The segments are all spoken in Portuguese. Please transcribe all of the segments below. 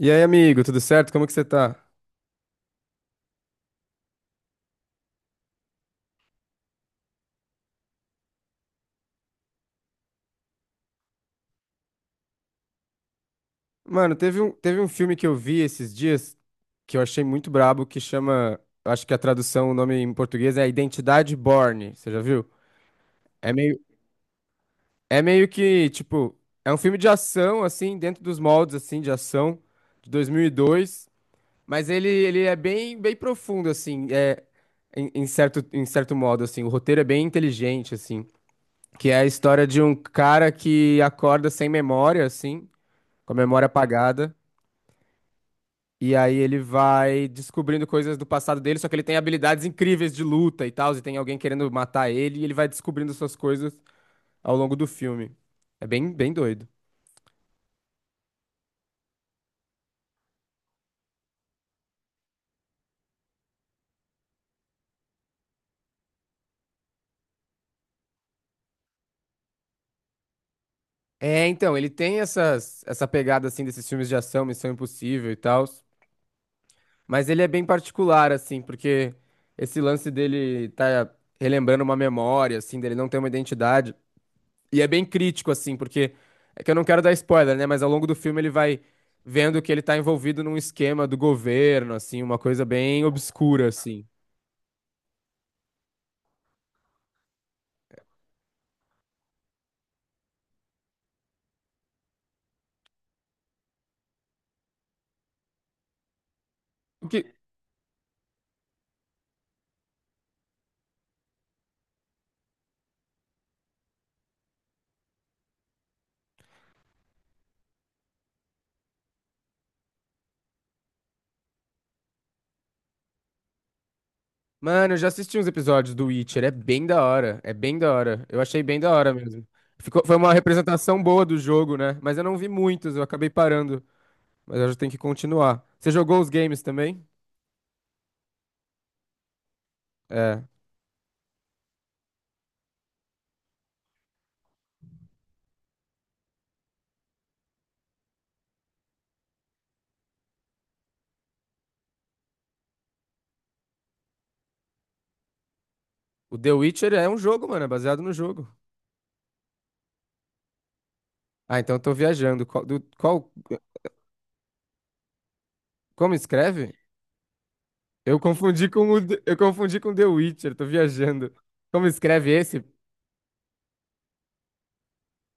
E aí, amigo, tudo certo? Como que você tá? Mano, teve um filme que eu vi esses dias que eu achei muito brabo, que chama, acho que a tradução, o nome em português é Identidade Bourne. Você já viu? É meio, é meio que, tipo, é um filme de ação, assim, dentro dos moldes, assim, de ação, de 2002, mas ele é bem, bem profundo, assim, em certo modo, assim, o roteiro é bem inteligente, assim, que é a história de um cara que acorda sem memória, assim, com a memória apagada. E aí ele vai descobrindo coisas do passado dele, só que ele tem habilidades incríveis de luta e tal, e tem alguém querendo matar ele, e ele vai descobrindo essas coisas ao longo do filme. É bem, bem doido. É, então, ele tem essa pegada, assim, desses filmes de ação, Missão Impossível e tal, mas ele é bem particular, assim, porque esse lance dele tá relembrando uma memória, assim, dele não ter uma identidade. E é bem crítico, assim, porque é que eu não quero dar spoiler, né? Mas ao longo do filme ele vai vendo que ele tá envolvido num esquema do governo, assim, uma coisa bem obscura, assim. O que... Mano, eu já assisti uns episódios do Witcher, é bem da hora, é bem da hora. Eu achei bem da hora mesmo. Ficou... Foi uma representação boa do jogo, né? Mas eu não vi muitos, eu acabei parando. Mas eu já tenho que continuar. Você jogou os games também? É. O The Witcher é um jogo, mano, é baseado no jogo. Ah, então eu tô viajando. Qual, qual, como escreve? Eu confundi com eu confundi com The Witcher, tô viajando. Como escreve esse?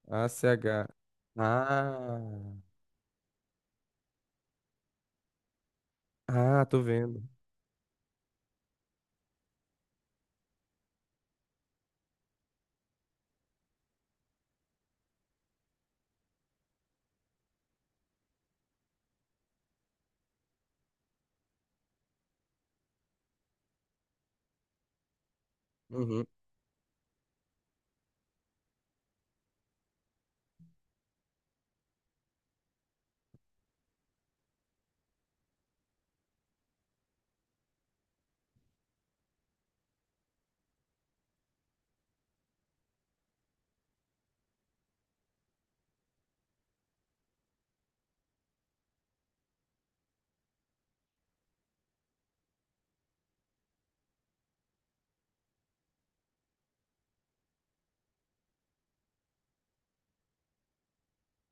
A C H. Ah, tô vendo. Uhum.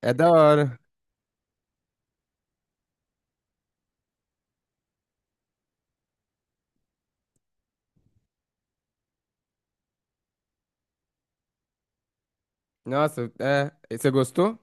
É da hora. Nossa, é. E você gostou?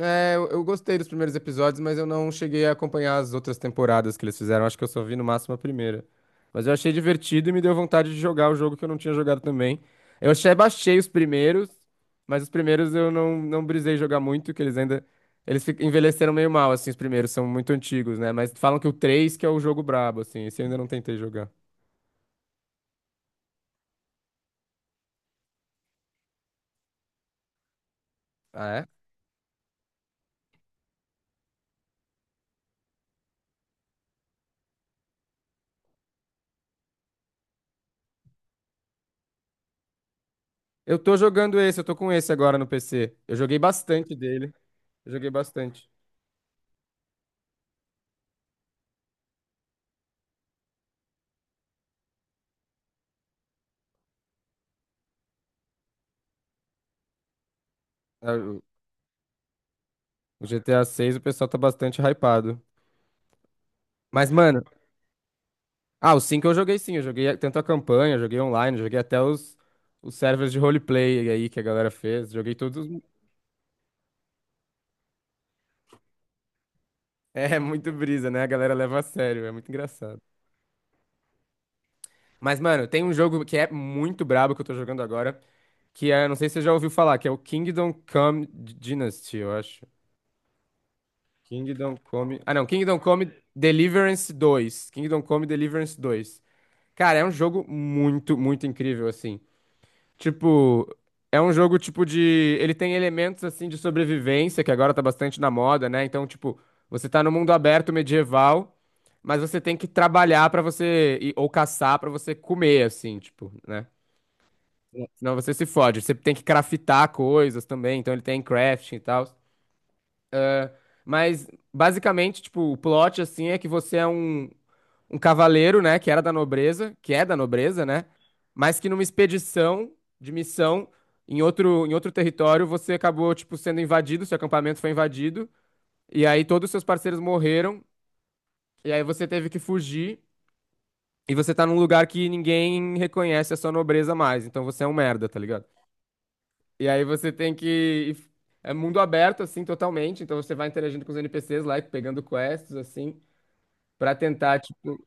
É, eu gostei dos primeiros episódios, mas eu não cheguei a acompanhar as outras temporadas que eles fizeram. Acho que eu só vi no máximo a primeira. Mas eu achei divertido e me deu vontade de jogar o jogo que eu não tinha jogado também. Eu achei, baixei os primeiros, mas os primeiros eu não brisei jogar muito, que eles ainda. Envelheceram meio mal, assim, os primeiros, são muito antigos, né? Mas falam que o 3 que é o jogo brabo, assim. Esse eu ainda não tentei jogar. Ah, é? Eu tô jogando esse, eu tô com esse agora no PC. Eu joguei bastante dele. Eu joguei bastante. Ah, o GTA 6 o pessoal tá bastante hypado. Mas, mano, ah, o 5 eu joguei sim, eu joguei tanto a campanha, joguei online, joguei até os servers de roleplay aí que a galera fez, joguei todos. É muito brisa, né? A galera leva a sério, é muito engraçado. Mas, mano, tem um jogo que é muito brabo que eu tô jogando agora, que é, não sei se você já ouviu falar, que é o Kingdom Come Dynasty, eu acho. Kingdom Come. Ah, não, Kingdom Come Deliverance dois, Kingdom Come Deliverance dois. Cara, é um jogo muito, muito incrível, assim. Tipo, é um jogo tipo de. Ele tem elementos assim de sobrevivência, que agora tá bastante na moda, né? Então, tipo, você tá no mundo aberto medieval, mas você tem que trabalhar pra você. Ou caçar pra você comer, assim, tipo, né? Senão você se fode. Você tem que craftar coisas também, então ele tem crafting e tal. Mas, basicamente, tipo, o plot, assim, é que você é um cavaleiro, né, que era da nobreza, que é da nobreza, né, mas que numa expedição de missão em outro território você acabou, tipo, sendo invadido, seu acampamento foi invadido, e aí todos os seus parceiros morreram, e aí você teve que fugir, e você tá num lugar que ninguém reconhece a sua nobreza mais, então você é um merda, tá ligado? E aí você tem que... É mundo aberto, assim, totalmente, então você vai interagindo com os NPCs lá, e pegando quests, assim, pra tentar, tipo...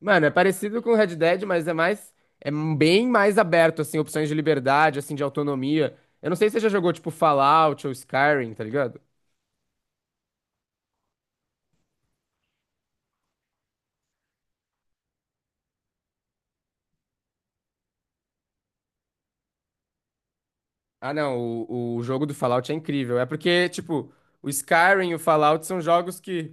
Mano, é parecido com Red Dead, mas é mais, é bem mais aberto, assim, opções de liberdade, assim, de autonomia. Eu não sei se você já jogou, tipo, Fallout ou Skyrim, tá ligado? Ah, não, o jogo do Fallout é incrível. É porque, tipo, o Skyrim e o Fallout são jogos que,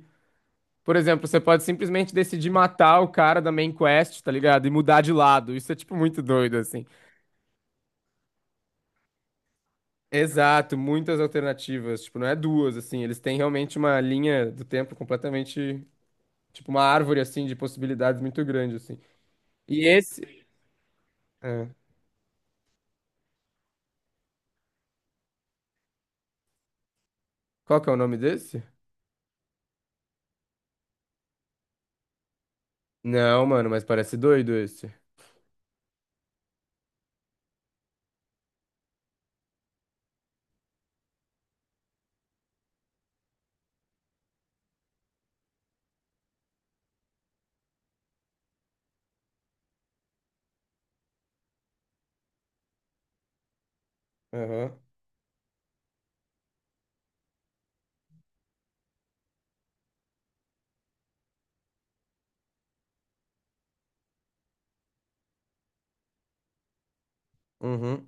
por exemplo, você pode simplesmente decidir matar o cara da main quest, tá ligado? E mudar de lado. Isso é, tipo, muito doido, assim. Exato, muitas alternativas. Tipo, não é duas, assim. Eles têm realmente uma linha do tempo completamente. Tipo, uma árvore, assim, de possibilidades muito grande, assim. E esse. É. Qual que é o nome desse? Não, mano, mas parece doido esse. Aham. Uhum.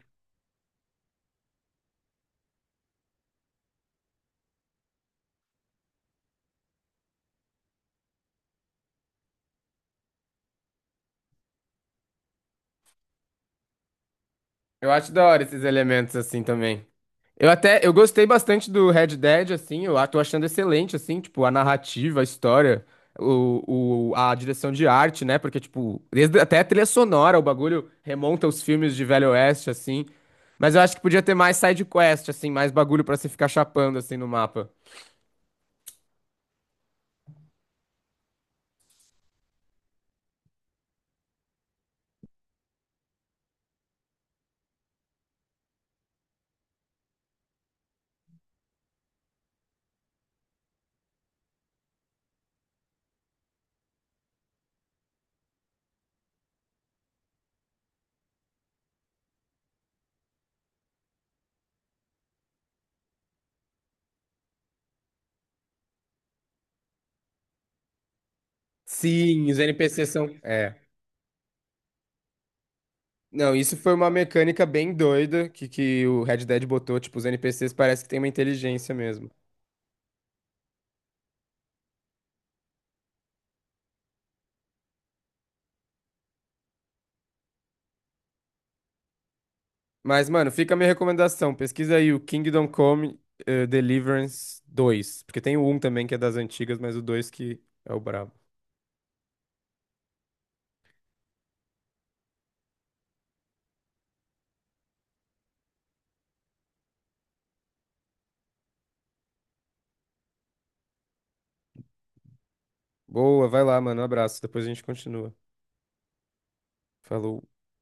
Eu acho da hora esses elementos assim também. Eu gostei bastante do Red Dead, assim, tô achando excelente, assim, tipo, a narrativa, a história, a direção de arte, né? Porque, tipo, desde, até a trilha sonora, o bagulho remonta aos filmes de Velho Oeste, assim. Mas eu acho que podia ter mais side quest, assim, mais bagulho pra você ficar chapando, assim, no mapa. Sim, os NPCs são... É. Não, isso foi uma mecânica bem doida que o Red Dead botou. Tipo, os NPCs parece que tem uma inteligência mesmo. Mas, mano, fica a minha recomendação. Pesquisa aí o Kingdom Come Deliverance dois. Porque tem o um também que é das antigas, mas o 2 que é o brabo. Boa, vai lá, mano. Um abraço. Depois a gente continua. Falou.